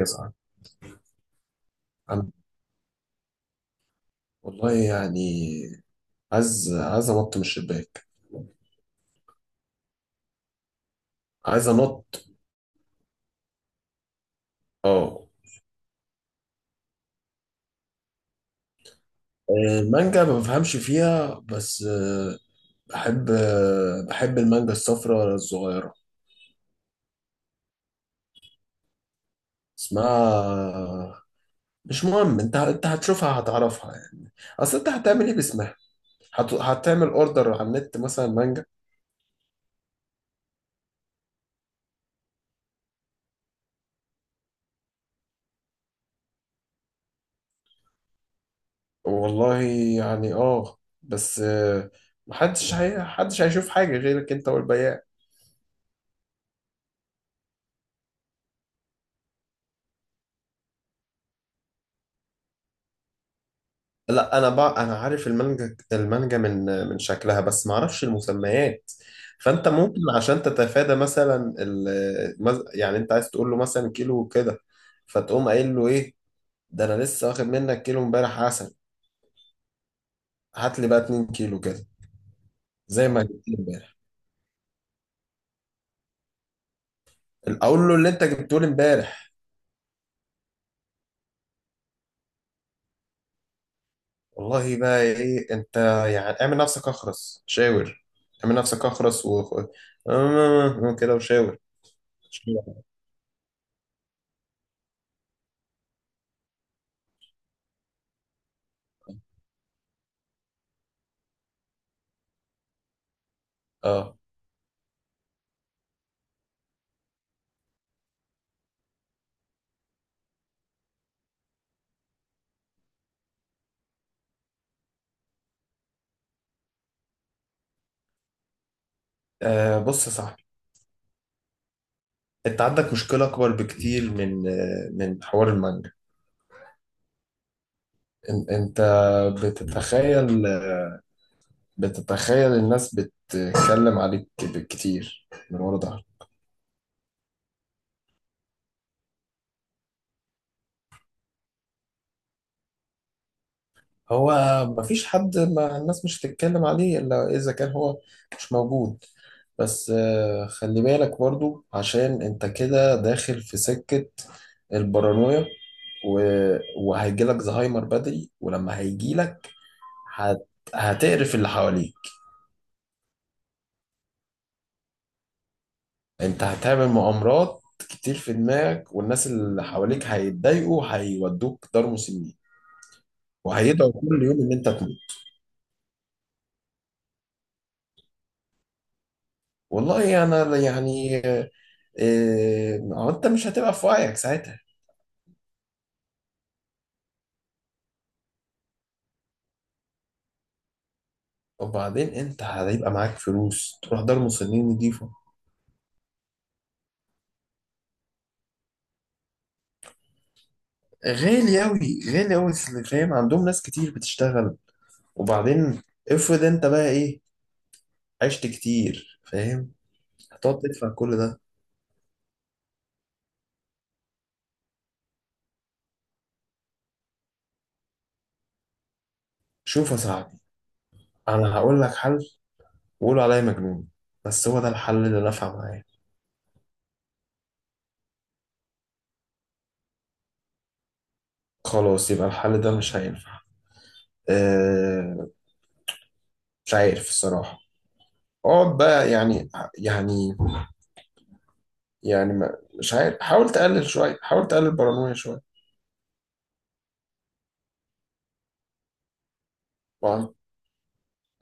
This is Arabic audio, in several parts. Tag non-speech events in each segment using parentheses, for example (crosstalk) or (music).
يسعد. أنا، والله يعني عايز أنط من الشباك. عايز أنط. أه. آه، المانجا ما بفهمش فيها، بس بحب المانجا الصفراء الصغيرة. اسمها مش مهم. أنت هتشوفها، هتعرفها يعني. أصل أنت هتعمل إيه باسمها؟ هتعمل أوردر على النت مثلا مانجا. والله يعني أه، بس محدش هيشوف حاجة غيرك أنت والبياع. لا، انا بقى انا عارف المانجا، المانجا من شكلها، بس ما اعرفش المسميات. فانت ممكن عشان تتفادى مثلا يعني انت عايز تقول له مثلا كيلو كده، فتقوم قايل له ايه، ده انا لسه واخد منك كيلو امبارح عسل، هات لي بقى 2 كيلو كده زي ما جبت لي امبارح. اقول له اللي انت جبته لي امبارح. والله بقى ايه انت، يعني اعمل نفسك اخرس شاور. اعمل نفسك اخرس و (laughs) كده وشاور. اه. بص يا صاحبي، انت عندك مشكلة اكبر بكتير من من حوار المانجا. انت بتتخيل بتتخيل الناس بتتكلم عليك كتير من ورا ظهرك. هو مفيش حد ما الناس مش هتتكلم عليه الا اذا كان هو مش موجود. بس خلي بالك برضو، عشان انت كده داخل في سكة البارانويا و- وهيجيلك زهايمر بدري. ولما هيجيلك هت... هتقرف اللي حواليك. انت هتعمل مغامرات كتير في دماغك، والناس اللي حواليك هيتضايقوا، هيودوك دار مسنين، وهيدعوا كل يوم ان انت تموت. والله انا يعني إيه، ما هو انت مش هتبقى في وعيك ساعتها. وبعدين انت هيبقى معاك فلوس تروح دار مسنين نضيفه؟ غالي اوي، غالي اوي اللي فاهم، عندهم ناس كتير بتشتغل. وبعدين افرض انت بقى ايه، عشت كتير، فاهم، هتقعد تدفع كل ده. شوف يا صاحبي، انا هقول لك حل وقولوا عليا مجنون، بس هو ده الحل اللي نفع معايا. خلاص، يبقى الحل ده مش هينفع. أه، مش عارف الصراحة. اقعد بقى يعني، يعني يعني ما، مش عارف. حاول تقلل شوية، حاول تقلل البارانويا شوية. وأنا-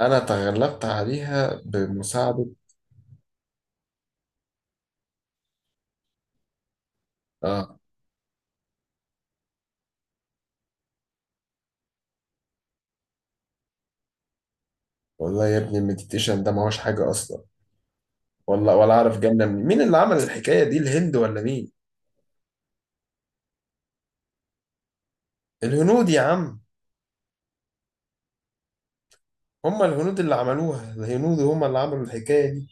أنا تغلبت عليها بمساعدة. آه. والله يا ابني المديتيشن ده ما هوش حاجة أصلا. ولا أعرف، جنة منين؟ مين اللي عمل الحكاية دي، الهند ولا مين؟ الهنود يا عم. هم الهنود اللي عملوها، الهنود هم اللي عملوا الحكاية دي.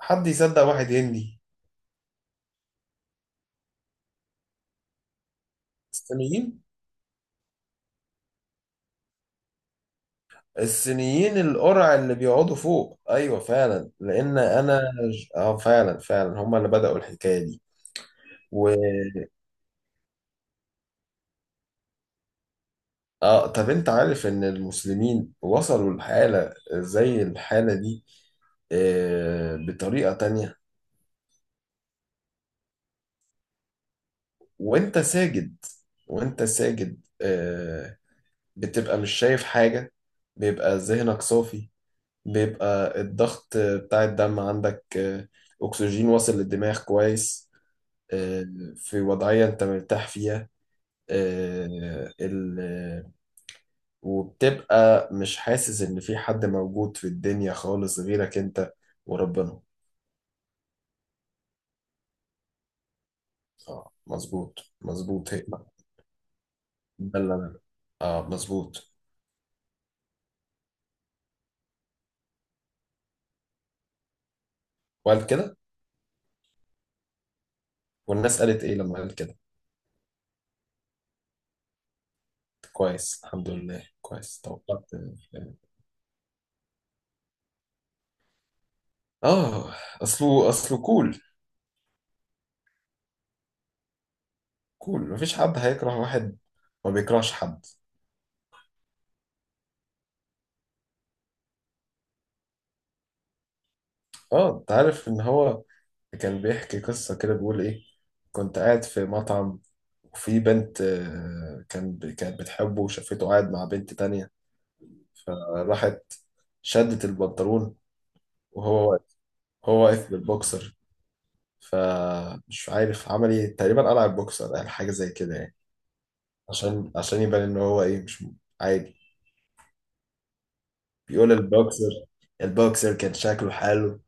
حد يصدق واحد هندي؟ الصينيين. الصينيين القرع اللي بيقعدوا فوق، ايوه فعلا، لان انا اه، فعلا فعلا هم اللي بدأوا الحكايه دي. و اه، طب انت عارف ان المسلمين وصلوا لحاله زي الحاله دي؟ آه بطريقه تانية. وانت ساجد، وانت ساجد آه، بتبقى مش شايف حاجه، بيبقى ذهنك صافي، بيبقى الضغط بتاع الدم عندك آه، اكسجين واصل للدماغ كويس، آه، في وضعيه انت مرتاح فيها. آه، ال... وبتبقى مش حاسس ان في حد موجود في الدنيا خالص غيرك انت وربنا. اه مظبوط، مظبوط هي. ده اللي انا، اه مظبوط. وقال كده؟ والناس قالت ايه لما قال كده؟ كويس، الحمد لله، كويس، توقعت. اه، اصله كول. كول، مفيش حد هيكره واحد ما بيكرهش حد. اه، انت عارف ان هو كان بيحكي قصة كده، بيقول ايه، كنت قاعد في مطعم، وفي بنت آه، كانت بتحبه وشافته قاعد مع بنت تانية. فراحت شدت البنطلون وهو واقف، هو واقف بالبوكسر. فمش عارف عمل ايه، تقريبا قلع البوكسر، قال حاجة زي كده يعني، عشان يبان ان هو ايه، مش عادي. بيقول البوكسر، البوكسر كان شكله حلو،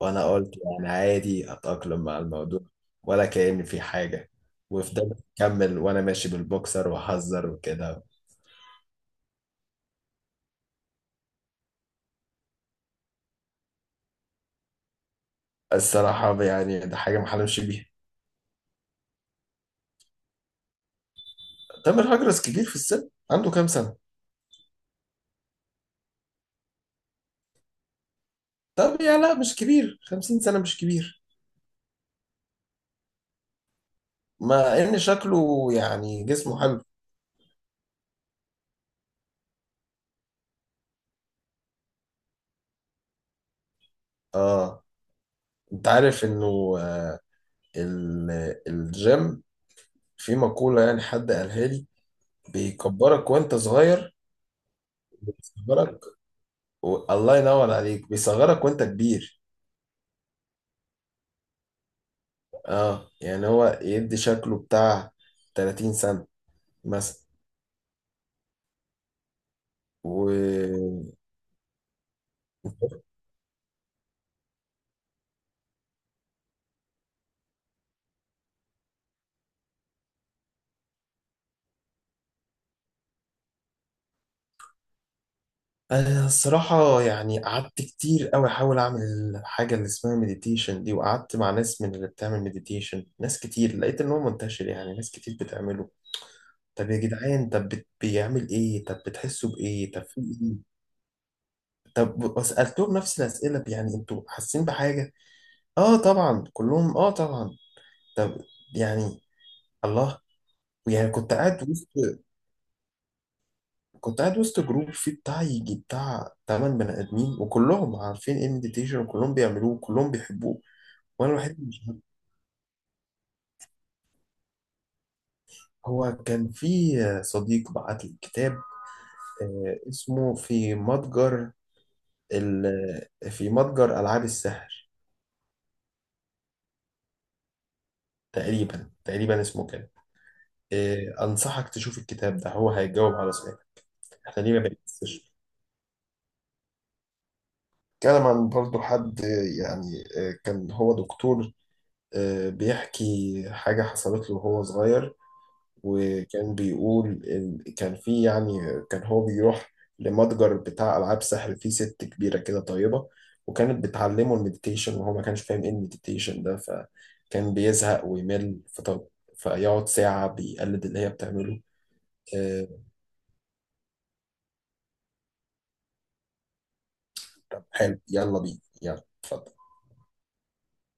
وانا قلت يعني عادي، اتأقلم مع الموضوع، ولا كأن في حاجة. وفضلت أكمل وأنا ماشي بالبوكسر وأهزر وكده. الصراحة يعني ده حاجة ما حلمش بيها. تامر هجرس كبير في السن، عنده كام سنة؟ طب يا لا، مش كبير، 50 سنة مش كبير. مع ان شكله يعني جسمه حلو. اه، انت عارف انه آه، الجيم، في مقولة يعني حد قالها لي، بيكبرك وانت صغير، بيصغرك الله ينور عليك، بيصغرك وانت كبير. اه يعني هو يدي شكله بتاع 30 سنة مثلا. أنا الصراحة يعني قعدت كتير أوي أحاول أعمل حاجة اللي اسمها مديتيشن دي، وقعدت مع ناس من اللي بتعمل مديتيشن، ناس كتير، لقيت إن هو منتشر، يعني ناس كتير بتعمله. طب يا جدعان، طب بيعمل إيه؟ طب بتحسوا بإيه؟ طب في إيه؟ طب وسألتهم نفس الأسئلة، يعني أنتوا حاسين بحاجة؟ آه طبعا، كلهم آه طبعا. طب، يعني الله، يعني كنت قاعد وسط جروب فيه بتاع يجي بتاع تمن بني آدمين، وكلهم عارفين إيه مديتيشن، وكلهم بيعملوه، وكلهم بيحبوه، وانا الوحيد اللي مش عارف. هو كان في صديق بعت لي كتاب، اسمه في متجر ال... في متجر العاب السحر، تقريبا تقريبا اسمه كده. انصحك تشوف الكتاب ده، هو هيجاوب على سؤالك، احنا ليه ما بنكسبش. كلام عن برضه حد، كان هو دكتور، بيحكي حاجة حصلت له وهو صغير. وكان بيقول كان في يعني، كان هو بيروح لمتجر بتاع ألعاب سحر فيه ست كبيرة كده طيبة، وكانت بتعلمه المديتيشن، وهو ما كانش فاهم ايه المديتيشن ده، فكان بيزهق ويمل، فطب، فيقعد ساعة بيقلد اللي هي بتعمله. آه، طب حلو، يلا بينا، يلا اتفضل.